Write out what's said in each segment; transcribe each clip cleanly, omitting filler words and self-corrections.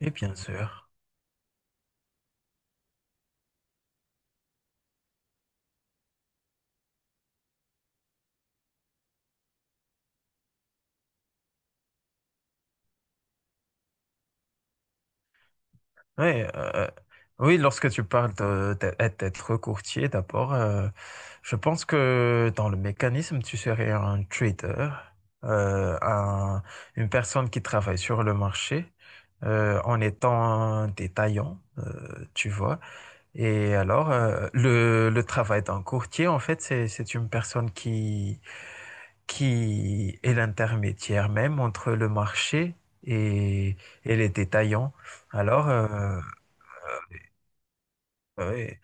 Et bien sûr. Oui, euh, oui, lorsque tu parles d'être courtier, d'abord, je pense que dans le mécanisme, tu serais un trader, euh, un- une personne qui travaille sur le marché en étant un détaillant, tu vois. Et alors, le travail d'un courtier, en fait, c'est une personne qui est l'intermédiaire même entre le marché et, et les détaillants. Alors, ouais.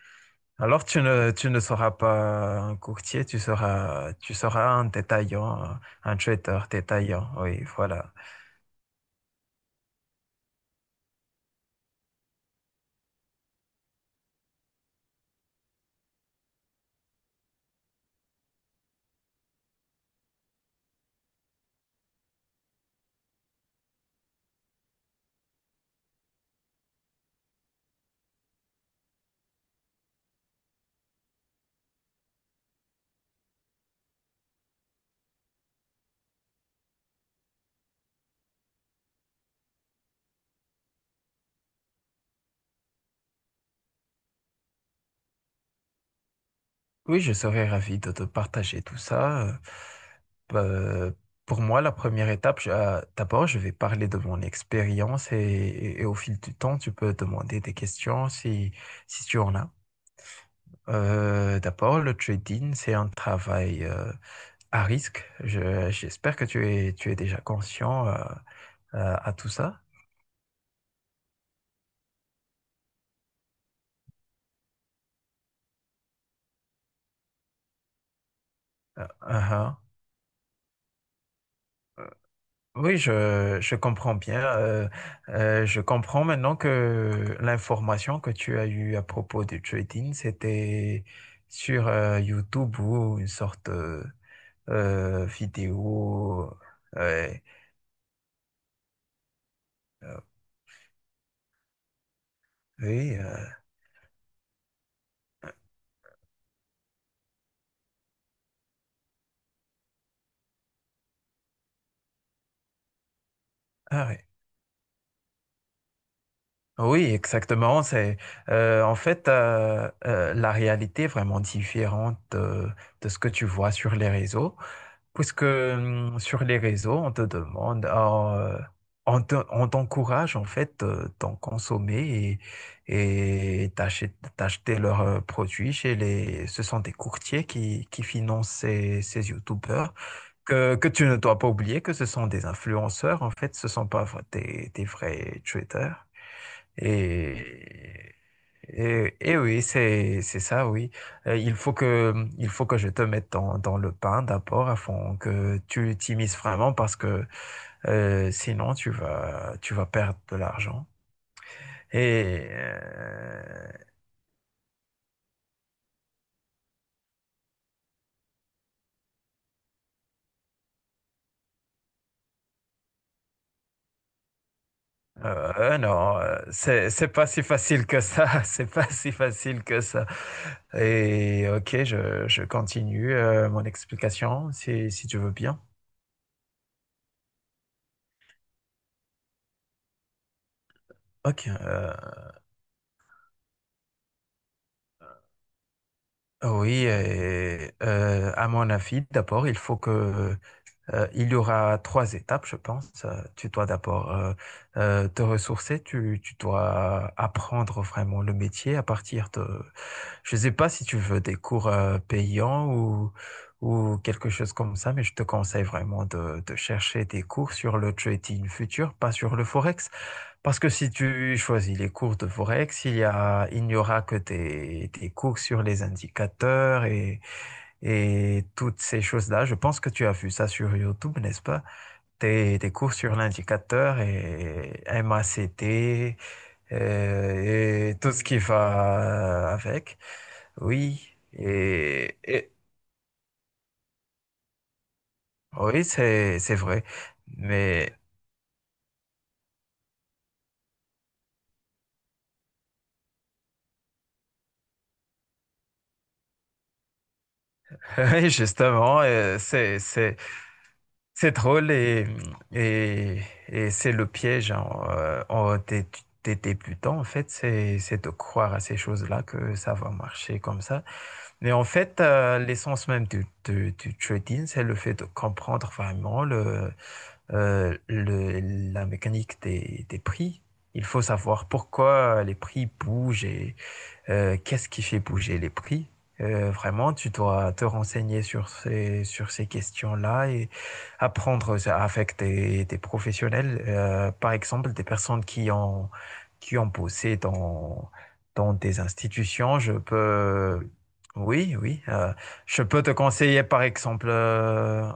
Alors tu ne seras pas un courtier, tu seras un détaillant, un trader détaillant. Oui, voilà. Oui, je serais ravi de te partager tout ça. Euh, pour moi, la première étape, d'abord, je vais parler de mon expérience et au fil du temps, tu peux demander des questions si, si tu en as. D'abord, le trading, c'est un travail à risque. J'espère que tu es déjà conscient à tout ça. Uh-huh. Oui, je comprends bien. Je comprends maintenant que l'information que tu as eue à propos du trading, c'était sur YouTube ou une sorte de vidéo. Ouais. Euh, oui, euh, ah ouais. Oui, exactement. C'est en fait la réalité est vraiment différente de ce que tu vois sur les réseaux, puisque sur les réseaux on te demande, on t'encourage en fait d'en consommer et d'acheter leurs produits chez les. Ce sont des courtiers qui financent ces youtubeurs que tu ne dois pas oublier que ce sont des influenceurs, en fait, ce ne sont pas des vrais traders. Et, et oui, c'est ça, oui. Euh, il faut que, il faut que je te mette dans le pain d'abord afin que tu t'y mises vraiment parce que sinon tu vas perdre de l'argent. Et euh, non, c'est pas si facile que ça. C'est pas si facile que ça. Et ok, je continue mon explication si, si tu veux bien. Ok. euh, Oui, et, à mon avis, d'abord, il faut que il y aura trois étapes, je pense. Tu dois d'abord te ressourcer, tu dois apprendre vraiment le métier à partir de, je sais pas si tu veux des cours payants ou quelque chose comme ça, mais je te conseille vraiment de chercher des cours sur le trading futur, pas sur le forex, parce que si tu choisis les cours de Forex, il n'y aura que tes, tes cours sur les indicateurs et toutes ces choses-là. Je pense que tu as vu ça sur YouTube, n'est-ce pas? Tes, tes cours sur l'indicateur et MACD et tout ce qui va avec. Oui, et, et- oui, c'est vrai. Mais oui, justement, c'est drôle et, et c'est le piège en, des débutants, en fait, c'est de croire à ces choses-là que ça va marcher comme ça. Mais en fait, l'essence même du trading, c'est le fait de comprendre vraiment la mécanique des prix. Il faut savoir pourquoi les prix bougent et qu'est-ce qui fait bouger les prix? Vraiment, tu dois te renseigner sur ces questions-là et apprendre ça avec des professionnels, par exemple des personnes qui ont bossé dans des institutions. Oui, je peux te conseiller, par exemple, euh, un-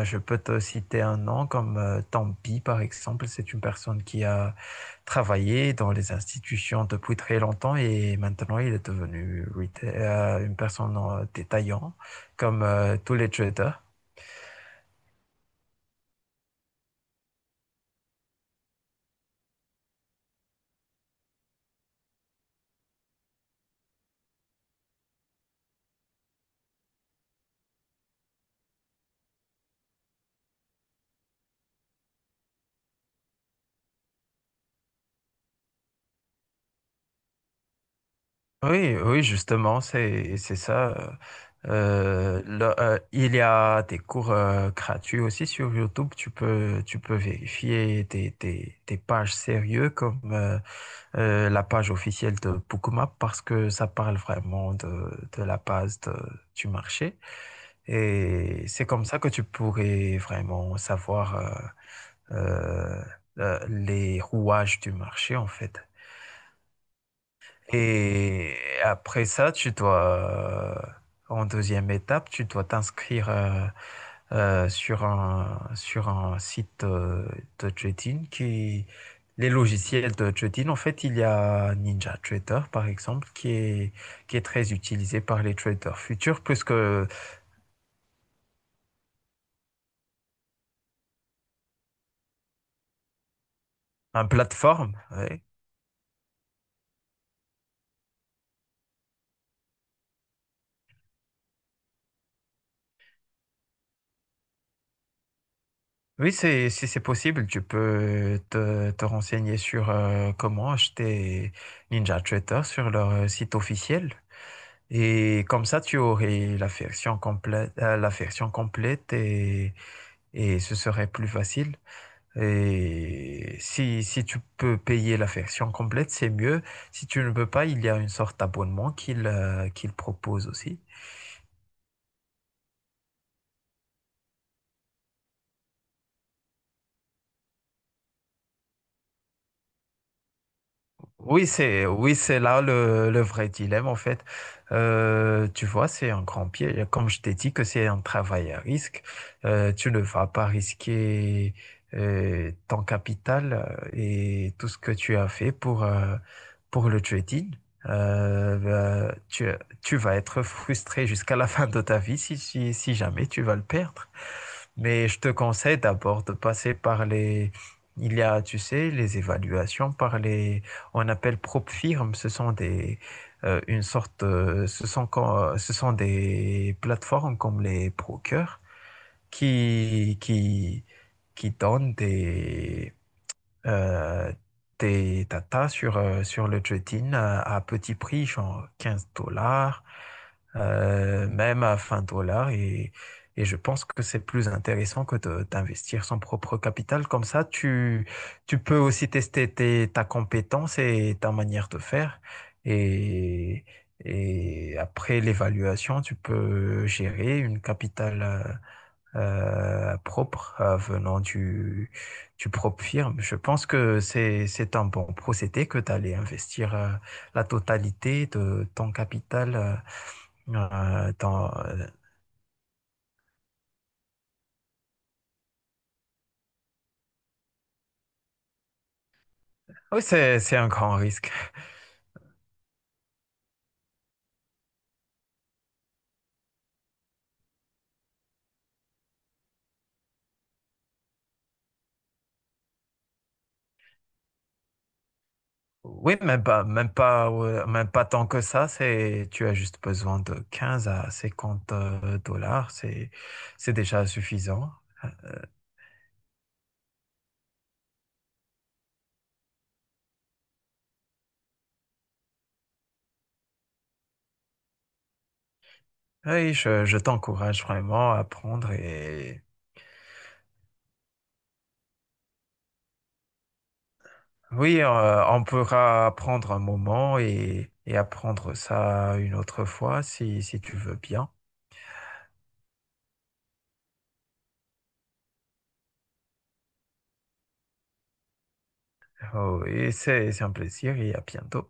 un- je peux te citer un nom comme Tampi, par exemple, c'est une personne qui a travaillé dans les institutions depuis très longtemps et maintenant il est devenu une personne détaillante comme tous les traders. Oui, justement, c'est ça. Là, il y a des cours gratuits aussi sur YouTube. Tu peux vérifier des pages sérieuses comme la page officielle de Bookmap parce que ça parle vraiment de, de la base de- du marché. Et c'est comme ça que tu pourrais vraiment savoir euh, les rouages du marché en fait. Et après ça, tu dois, en deuxième étape, tu dois t'inscrire sur un site de trading qui, les logiciels de trading, en fait, il y a Ninja Trader, par exemple, qui est très utilisé par les traders futurs, plus que une plateforme. Ouais. Oui, c'est, si c'est possible, te renseigner sur comment acheter Ninja Trader sur leur site officiel. Et comme ça, tu aurais la version complète, et ce serait plus facile. Et si, si tu peux payer la version complète, c'est mieux. Si tu ne peux pas, il y a une sorte d'abonnement qu'il propose aussi. Oui, c'est là le vrai dilemme en fait. Tu vois, c'est un grand piège. Comme je t'ai dit que c'est un travail à risque, tu ne vas pas risquer ton capital et tout ce que tu as fait pour le trading. Bah, tu vas être frustré jusqu'à la fin de ta vie si jamais tu vas le perdre. Mais je te conseille d'abord de passer par les... Il y a, tu sais, les évaluations par les... On appelle prop firmes. Ce sont des... une sorte... ce sont, quand- ce sont des plateformes comme les Procure qui, qui, qui donnent des... Euh, tes tatas sur, sur le trading à petit prix, genre 15 dollars, même à 20 dollars. Et je pense que c'est plus intéressant que d'investir son propre capital. Comme ça, tu peux aussi tester ta compétence et ta manière de faire. Et, et après l'évaluation, tu peux gérer une capitale. Propre venant du propre firme. Je pense que c'est un bon procédé que d'aller investir la totalité de ton capital euh, dans... euh, Oui, c'est un grand risque. Oui, même pas tant que ça. C'est, tu as juste besoin de 15 à 50 dollars. C'est déjà suffisant. Oui, je t'encourage vraiment à prendre et Oui, on pourra prendre un moment et apprendre ça une autre fois si, si tu veux bien. Oh, et c'est un plaisir et à bientôt.